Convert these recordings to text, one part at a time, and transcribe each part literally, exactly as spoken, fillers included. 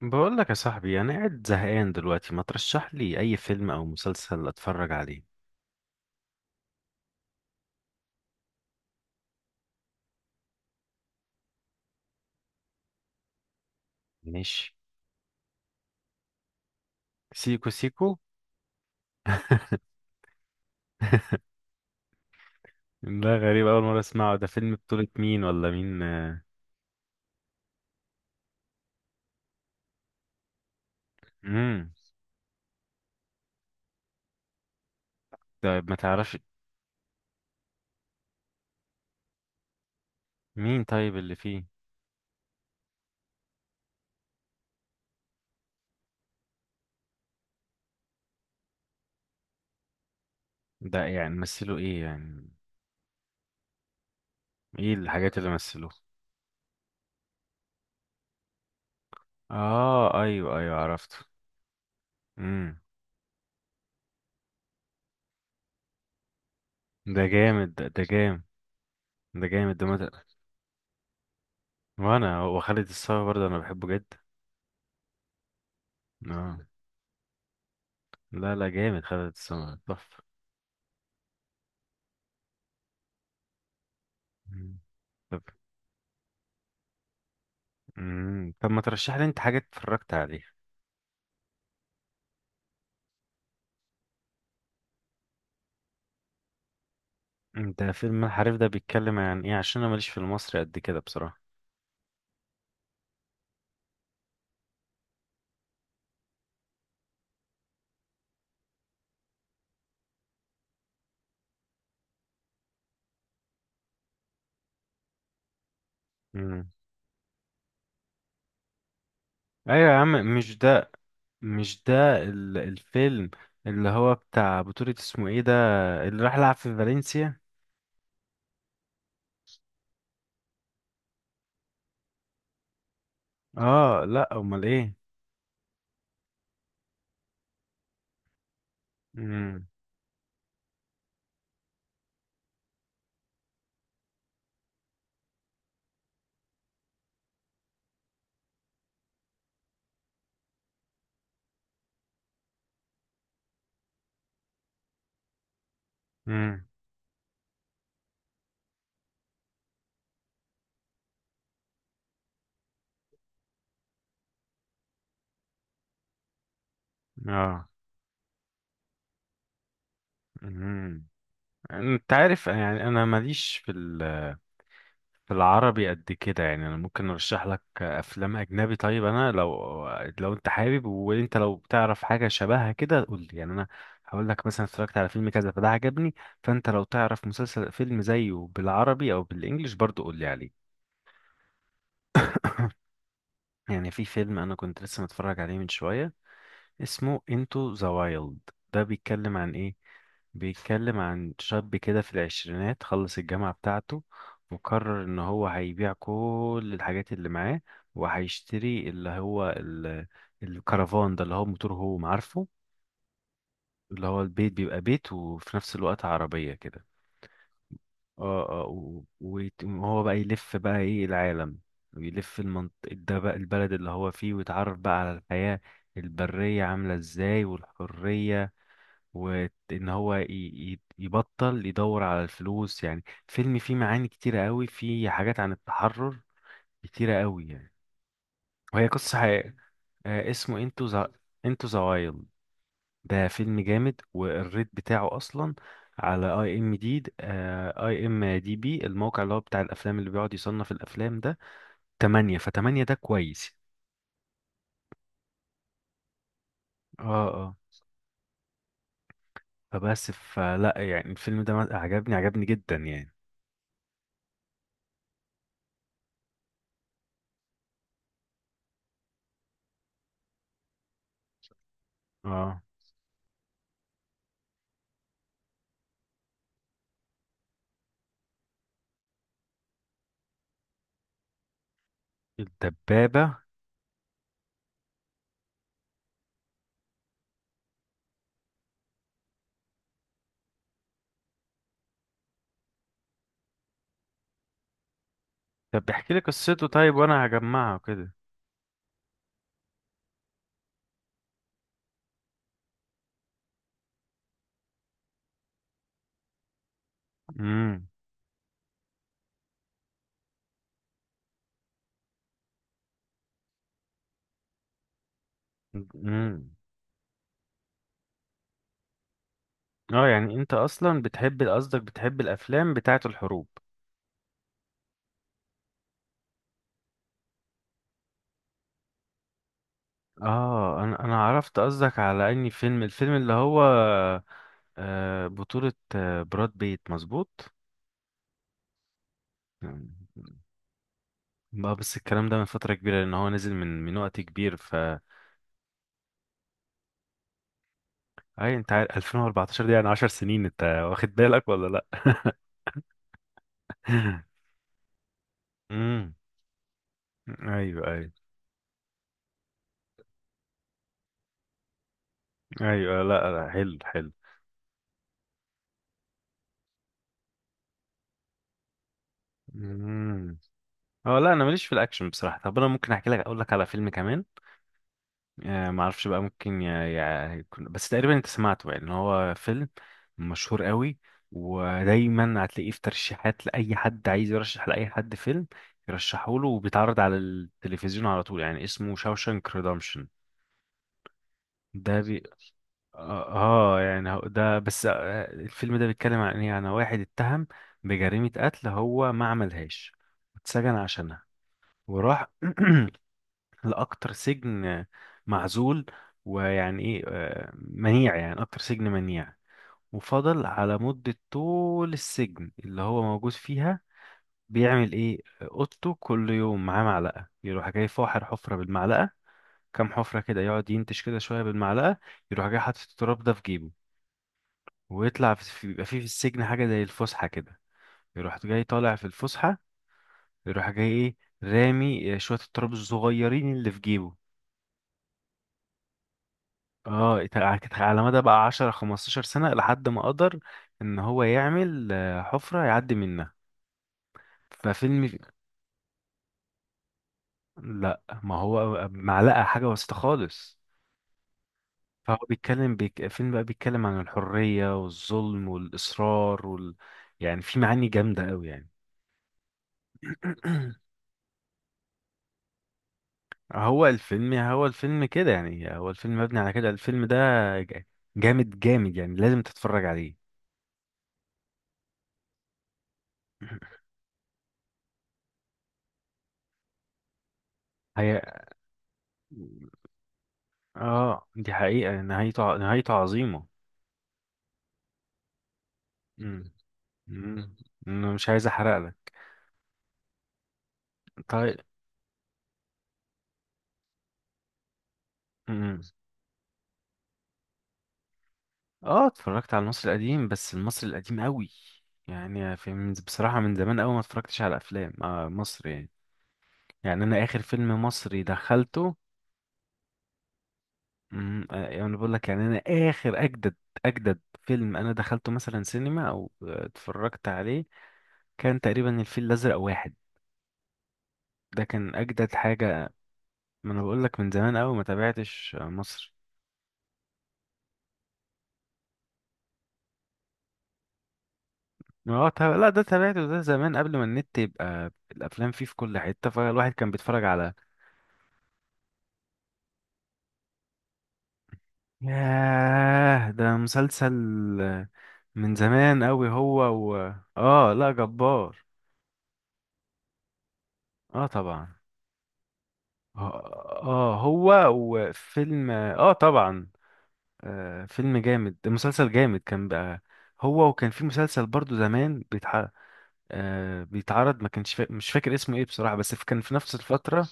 بقول لك يا صاحبي انا قاعد زهقان دلوقتي، ما ترشح لي اي فيلم او مسلسل اتفرج عليه؟ ماشي. سيكو سيكو. ده غريب، اول مره اسمعه. ده فيلم بطولة مين ولا مين؟ امم طيب ما تعرفش؟ مين طيب اللي فيه؟ ده يعني مثله ايه يعني؟ ايه الحاجات اللي مثلوه؟ اه، ايوه ايوه، عرفته. امم ده جامد، ده, ده جامد. ده جامد ده مت... وانا وخالد الصاوي برضه انا بحبه جدا. اه، لا لا، جامد. خالد الصاوي تحفه. مم. طب. مم. طب ما ترشح لي انت حاجة اتفرجت عليها؟ انت فيلم الحريف ده بيتكلم عن ايه؟ عشان انا ماليش في المصري قد كده بصراحة. مم. ايوه يا عم، مش ده. مش ده ال- الفيلم اللي هو بتاع بطولة، اسمه ايه ده، اللي راح لعب في فالنسيا؟ اه، لا، امال ايه؟ مم. مم. اه. مم. انت عارف، يعني انا ماليش في في العربي قد كده. يعني انا ممكن ارشح لك افلام اجنبي. طيب انا لو، لو انت حابب، وانت لو بتعرف حاجه شبهها كده قول لي. يعني انا هقول لك مثلا اتفرجت على فيلم كذا فده عجبني، فانت لو تعرف مسلسل فيلم زيه بالعربي او بالانجليش برضو قول لي عليه. يعني في فيلم انا كنت لسه متفرج عليه من شويه، اسمه انتو ذا وايلد. ده بيتكلم عن ايه؟ بيتكلم عن شاب كده في العشرينات، خلص الجامعة بتاعته، وقرر ان هو هيبيع كل الحاجات اللي معاه، وهيشتري اللي هو ال... الكرفان ده، اللي هو موتور، هو عارفه، اللي هو البيت بيبقى بيت وفي نفس الوقت عربية كده. اه اه، و- ويت- وهو بقى يلف بقى ايه العالم، ويلف المنط... ده بقى البلد اللي هو فيه، ويتعرف بقى على الحياة البرية عاملة ازاي والحرية، وان هو ي- ي- يبطل يدور على الفلوس. يعني فيلم فيه معاني كتيرة قوي، فيه حاجات عن التحرر كتيرة قوي يعني، وهي قصة حقيقية. آه، اسمه انتو ذا. انتو ذا وايلد. ده فيلم جامد. والريت بتاعه اصلا على اي ام دي، اي ام دي بي، الموقع اللي هو بتاع الافلام اللي بيقعد يصنف الافلام ده، تمنية. ف8 ده كويس. اه اه. فبس، فلا، يعني الفيلم ده عجبني، عجبني جدا يعني. اه. الدبابة. طب احكي لي قصته طيب وانا هجمعها كده. امم امم اه. يعني انت اصلا بتحب، قصدك بتحب الافلام بتاعه الحروب؟ اه، انا انا عرفت قصدك، على اني فيلم الفيلم اللي هو آه، بطولة آه، براد بيت، مظبوط. ما بس الكلام ده من فترة كبيرة، لان هو نزل من من وقت كبير، ف، اي انت عارف الفين واربعتاشر دي يعني عشر سنين، انت واخد بالك ولا لا؟ امم ايوه ايوه. ايوه. لا لا، حلو حلو. مم. هو لا، انا ماليش في الاكشن بصراحه. طب انا ممكن احكي لك، اقول لك على فيلم كمان. آه، ما اعرفش بقى، ممكن ي- ي- يكون، بس تقريبا انت سمعته، يعني إن هو فيلم مشهور قوي، ودايما هتلاقيه في ترشيحات لاي حد عايز يرشح لاي حد فيلم يرشحه له، وبيتعرض على التلفزيون على طول. يعني اسمه شاوشانك ريدمشن. ده بي. اه. آه، يعني هو ده بس. آه، الفيلم ده بيتكلم عن ايه؟ عن واحد اتهم بجريمة قتل هو ما عملهاش، واتسجن عشانها، وراح لأكتر سجن معزول، ويعني إيه آه، منيع، يعني أكتر سجن منيع. وفضل على مدة طول السجن اللي هو موجود فيها بيعمل إيه؟ آه، أوضته كل يوم معاه معلقة، يروح جاي فاحر حفرة بالمعلقة، كام حفرة كده يقعد ينتش كده شوية بالمعلقة، يروح جاي حاطط التراب ده في جيبه، ويطلع في في- بيبقى فيه في السجن حاجة زي الفسحة كده، يروح جاي طالع في الفسحة، يروح جاي إيه، رامي آه، شوية التراب الصغيرين اللي في جيبه. اه، ت- كانت على مدى بقى عشر خمستاشر سنة، لحد ما قدر ان هو يعمل آه، حفرة يعدي منها. ففيلم. لا، ما هو معلقة حاجة بسيطة خالص. فهو بيتكلم بيك... فيلم بقى بيتكلم عن الحرية والظلم والإصرار وال... يعني في معاني جامدة قوي يعني. هو الفيلم، هو الفيلم كده يعني، هو الفيلم مبني على كده، الفيلم ده ج- جامد جامد، يعني لازم تتفرج عليه. هي. اه، دي حقيقة نهايته، ع- نهايته عظيمة. مم. مم. انا مش عايز احرق لك. طيب. مم. اه، اتفرجت على المصري القديم، بس المصري القديم قوي يعني، في من بصراحة من زمان قوي ما اتفرجتش على افلام آه مصر يعني. يعني انا اخر فيلم مصري دخلته. مم. آه يعني أنا بقول لك، يعني انا اخر اجدد، اجدد فيلم انا دخلته مثلا سينما او آه، اتفرجت عليه، كان تقريبا الفيل الازرق واحد. ده كان اجدد حاجة. ما انا بقول لك من زمان قوي ما تابعتش آه، مصر. اه، ط- لا ده تابعته، ده زمان قبل ما النت يبقى الافلام فيه في كل حته، فالواحد كان بيتفرج على، ياه ده مسلسل من زمان قوي. هو و... اه، لا، جبار. اه طبعا. اه، آه، هو وفيلم، اه طبعا، آه فيلم جامد، مسلسل جامد كان بقى. هو، وكان في مسلسل برضو زمان بيتح... آه بيتعرض، ما كانش فا... مش فاكر اسمه ايه بصراحة، بس كان في نفس الفترة.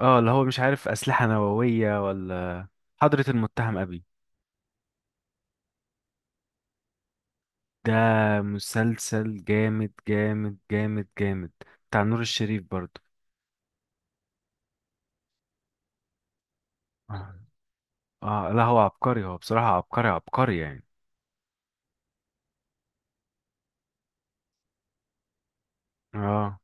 اه اللي هو مش عارف، أسلحة نووية ولا، حضرة المتهم أبي. ده مسلسل جامد جامد جامد جامد، بتاع نور الشريف برضو. اه. آه، لا هو عبقري، هو بصراحة عبقري عبقري يعني. اه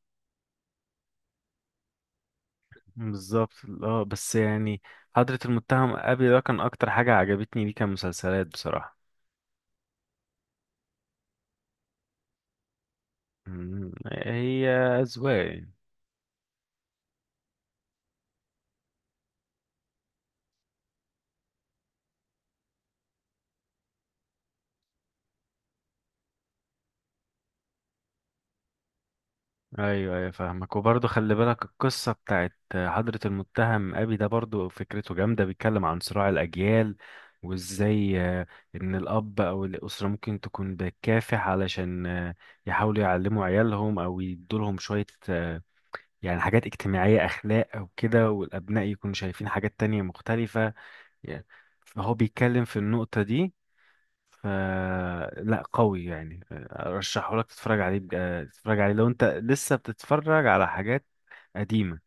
بالظبط. اه بس يعني حضرة المتهم أبي ده كان أكتر حاجة عجبتني ليه كمسلسلات بصراحة. مم، هي أذواق يعني. ايوه ايوه فاهمك. وبرضه خلي بالك، القصه بتاعت حضرة المتهم ابي ده برضه فكرته جامده، بيتكلم عن صراع الاجيال، وازاي آه، ان الاب او الاسره ممكن تكون بتكافح علشان آه، يحاولوا يعلموا عيالهم او يدولهم شويه آه، يعني حاجات اجتماعيه، اخلاق او كده، والابناء يكونوا شايفين حاجات تانية مختلفه يعني، فهو بيتكلم في النقطه دي. ف، لا قوي يعني، ارشحه لك تتفرج عليه بج- آه، تتفرج عليه لو انت لسه بتتفرج على حاجات قديمة.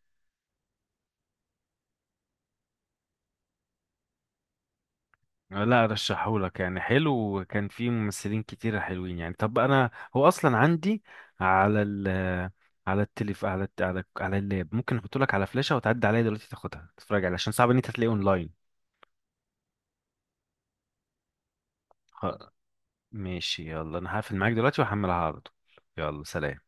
آه، لا ارشحه لك يعني، حلو وكان فيه ممثلين كتير حلوين يعني. طب انا هو اصلا عندي على ال، على التليف، على الت- على على اللاب، ممكن احطه لك على فلاشة وتعدي عليا دلوقتي تاخدها تتفرج عليها، عشان صعب ان انت تلاقيه اونلاين. خ- ماشي، يلا، انا هقفل معاك دلوقتي وهحملها على طول. يلا سلام.